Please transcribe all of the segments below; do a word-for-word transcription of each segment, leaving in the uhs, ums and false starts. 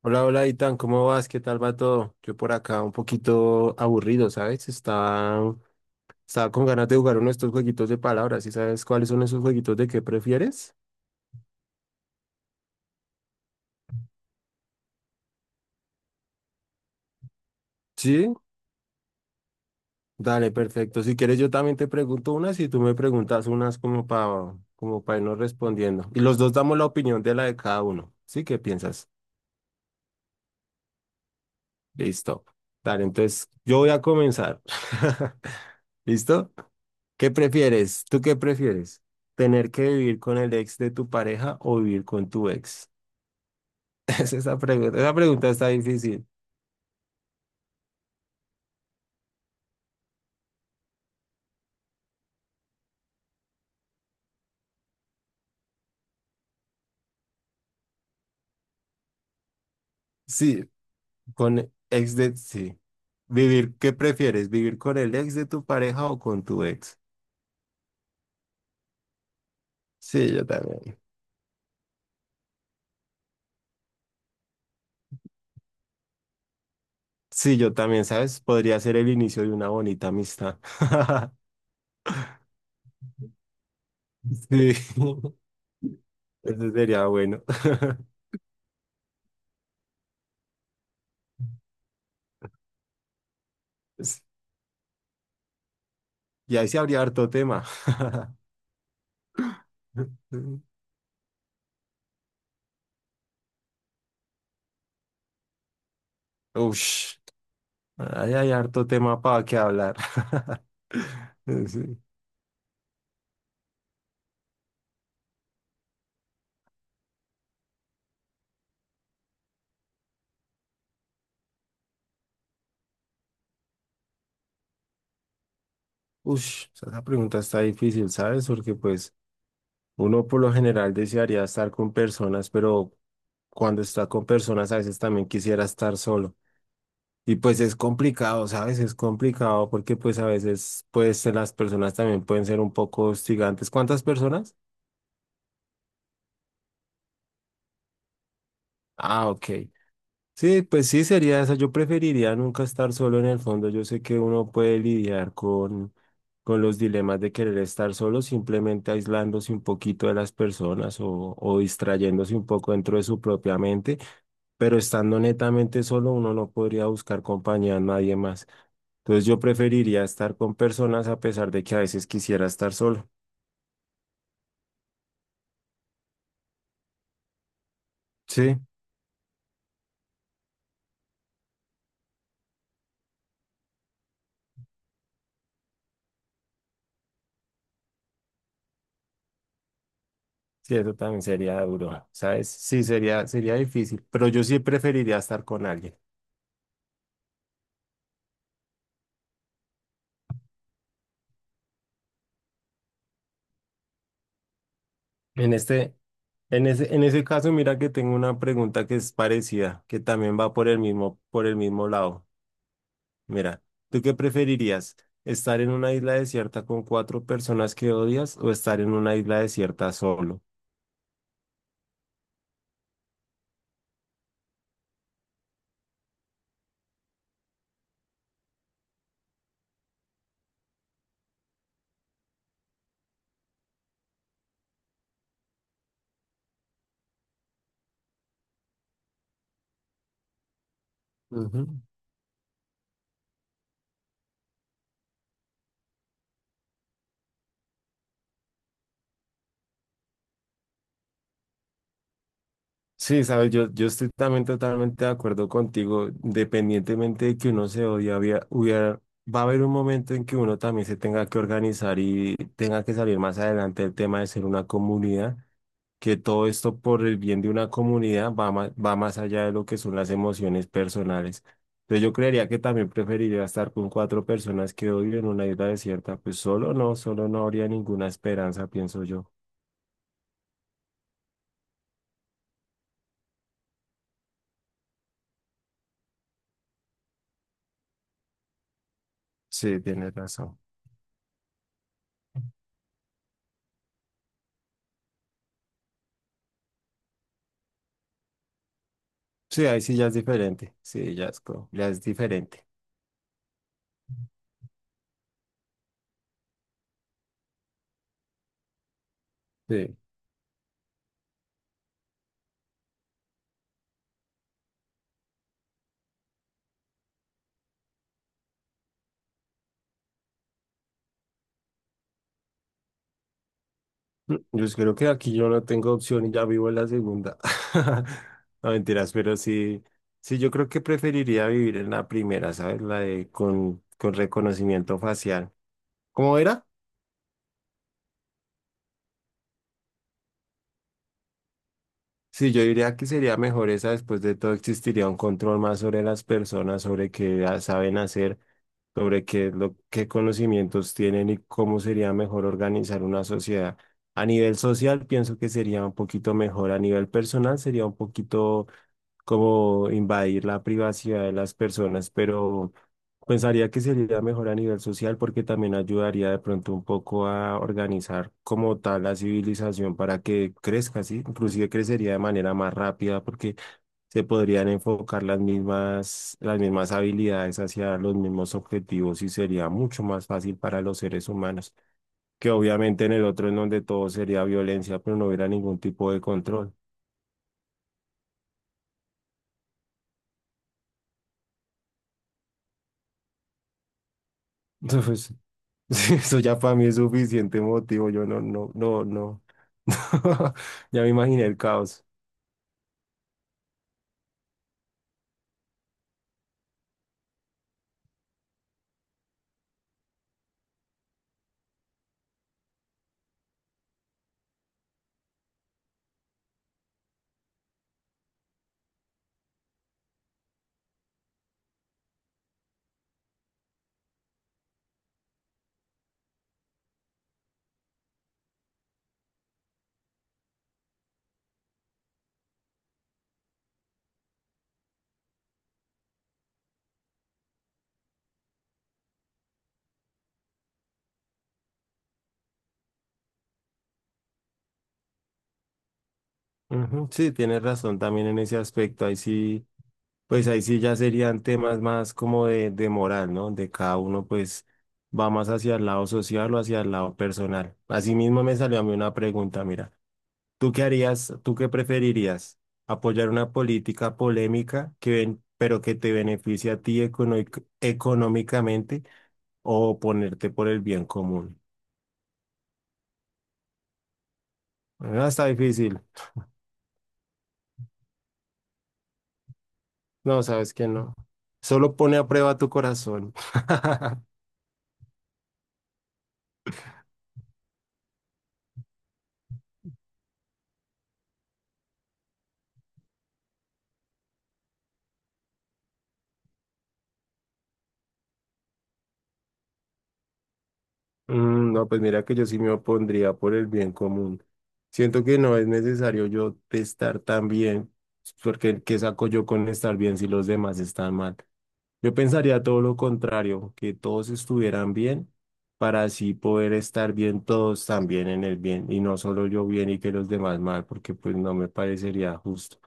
Hola, hola, Itan, ¿cómo vas? ¿Qué tal va todo? Yo por acá un poquito aburrido, ¿sabes? Estaba, estaba con ganas de jugar uno de estos jueguitos de palabras. ¿Y sabes cuáles son esos jueguitos de qué prefieres? Sí, dale, perfecto. Si quieres, yo también te pregunto unas y tú me preguntas unas como para como para irnos respondiendo. Y los dos damos la opinión de la de cada uno. ¿Sí? ¿Qué piensas? Listo. Dale, entonces yo voy a comenzar. ¿Listo? ¿Qué prefieres? ¿Tú qué prefieres? ¿Tener que vivir con el ex de tu pareja o vivir con tu ex? Es esa pregunta. Esa pregunta está difícil. Sí, con ex de... Sí. Vivir, ¿qué prefieres? ¿Vivir con el ex de tu pareja o con tu ex? Sí, yo también. Sí, yo también, ¿sabes? Podría ser el inicio de una bonita amistad. Sí, eso sería bueno. Y ahí se habría harto tema. Ush. Ahí hay harto tema para que hablar. Sí. Ush, esa pregunta está difícil, ¿sabes? Porque pues uno por lo general desearía estar con personas, pero cuando está con personas a veces también quisiera estar solo. Y pues es complicado, ¿sabes? Es complicado porque pues a veces pues las personas también pueden ser un poco hostigantes. ¿Cuántas personas? Ah, ok. Sí, pues sí sería esa. Yo preferiría nunca estar solo en el fondo. Yo sé que uno puede lidiar con, con los dilemas de querer estar solo, simplemente aislándose un poquito de las personas o, o distrayéndose un poco dentro de su propia mente, pero estando netamente solo uno no podría buscar compañía a nadie más. Entonces yo preferiría estar con personas a pesar de que a veces quisiera estar solo. Sí, sí, eso también sería duro, ¿sabes? Sí, sería, sería difícil, pero yo sí preferiría estar con alguien. En este, en ese, en ese caso, mira que tengo una pregunta que es parecida, que también va por el mismo, por el mismo lado. Mira, ¿tú qué preferirías? ¿Estar en una isla desierta con cuatro personas que odias o estar en una isla desierta solo? Ujú. Sí, sabes, yo, yo estoy también totalmente de acuerdo contigo. Independientemente de que uno se odie, había- hubiera- va a haber un momento en que uno también se tenga que organizar y tenga que salir más adelante el tema de ser una comunidad. Que todo esto por el bien de una comunidad va más, va más allá de lo que son las emociones personales. Entonces yo creería que también preferiría estar con cuatro personas que odio en una isla desierta. Pues solo no, solo no habría ninguna esperanza, pienso yo. Sí, tienes razón. Sí, ahí sí ya es diferente. Sí, ya es, co- ya es diferente. Sí. Yo creo que aquí yo no tengo opción y ya vivo en la segunda. No mentiras, pero sí, sí, yo creo que preferiría vivir en la primera, ¿sabes? La de con, con reconocimiento facial. ¿Cómo era? Sí, yo diría que sería mejor esa. Después de todo, existiría un control más sobre las personas, sobre qué ah, saben hacer, sobre qué, es lo, qué conocimientos tienen y cómo sería mejor organizar una sociedad. A nivel social, pienso que sería un poquito mejor. A nivel personal, sería un poquito como invadir la privacidad de las personas, pero pensaría que sería mejor a nivel social porque también ayudaría de pronto un poco a organizar como tal la civilización para que crezca, ¿sí? Inclusive crecería de manera más rápida porque se podrían enfocar las mismas, las mismas habilidades hacia los mismos objetivos y sería mucho más fácil para los seres humanos, que obviamente en el otro en donde todo sería violencia, pero no hubiera ningún tipo de control. Eso, pues, sí, eso ya para mí es suficiente motivo. Yo no, no, no, no. Ya me imaginé el caos. Ujú, sí, tienes razón también en ese aspecto. Ahí sí, pues ahí sí ya serían temas más como de, de moral, ¿no? De cada uno, pues va más hacia el lado social o hacia el lado personal. Asimismo me salió a mí una pregunta, mira, ¿tú qué harías, tú qué preferirías? ¿Apoyar una política polémica que ven, pero que te beneficie a ti econo- económicamente? O ponerte por el bien común. Ah, está difícil. No, sabes que no. Solo pone a prueba tu corazón. Mm, no, pues mira que yo sí me opondría por el bien común. Siento que no es necesario yo estar tan bien, porque ¿qué saco yo con estar bien si los demás están mal? Yo pensaría todo lo contrario, que todos estuvieran bien para así poder estar bien todos también en el bien y no solo yo bien y que los demás mal, porque pues no me parecería justo.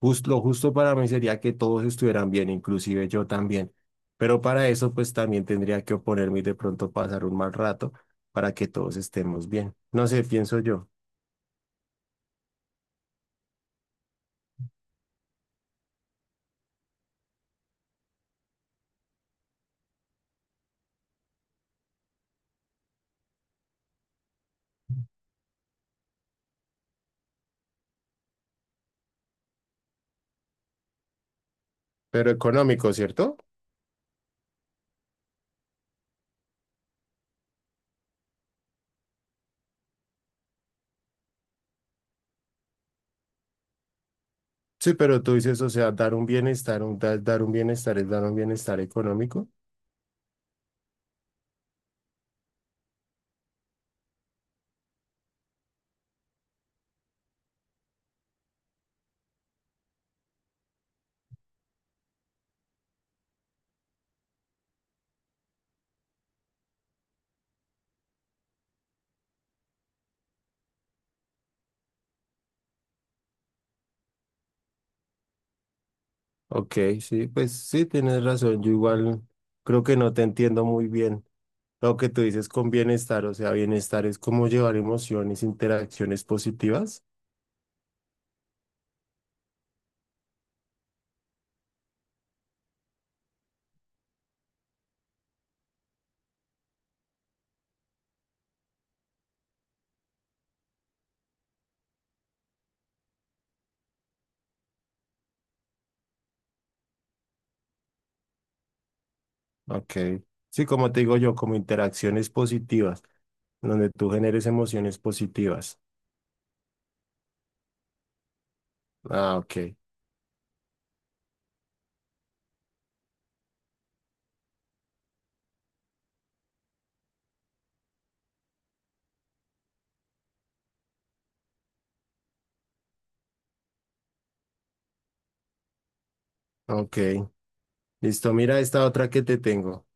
Jus- lo justo para mí sería que todos estuvieran bien, inclusive yo también. Pero para eso, pues también tendría que oponerme y de pronto pasar un mal rato para que todos estemos bien. No sé, pienso yo. Pero económico, ¿cierto? Sí, pero tú dices, o sea, dar un bienestar, un, da- dar un bienestar es dar un bienestar económico. Ok, sí, pues sí, tienes razón. Yo igual creo que no te entiendo muy bien lo que tú dices con bienestar. O sea, bienestar es como llevar emociones, interacciones positivas. Ok. Sí, como te digo yo, como interacciones positivas, donde tú generes emociones positivas. Ah, ok. Ok. Listo, mira esta otra que te tengo.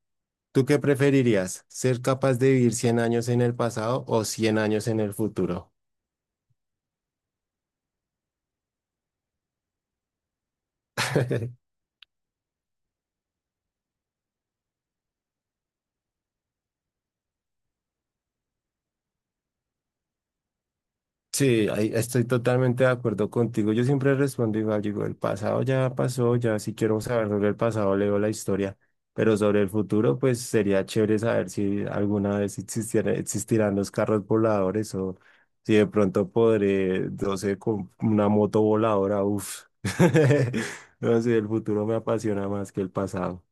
¿Tú qué preferirías? ¿Ser capaz de vivir cien años en el pasado o cien años en el futuro? Sí, ahí estoy totalmente de acuerdo contigo. Yo siempre respondo igual, digo, el pasado ya pasó, ya si quiero saber sobre el pasado leo la historia, pero sobre el futuro, pues sería chévere saber si alguna vez existiera- existirán los carros voladores o si de pronto podré, no sé, con una moto voladora, uff. No sé, el futuro me apasiona más que el pasado.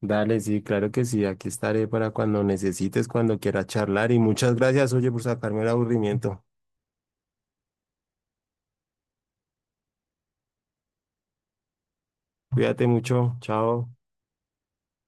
Dale, sí, claro que sí, aquí estaré para cuando necesites, cuando quieras charlar y muchas gracias, oye, por sacarme el aburrimiento. Cuídate mucho, chao.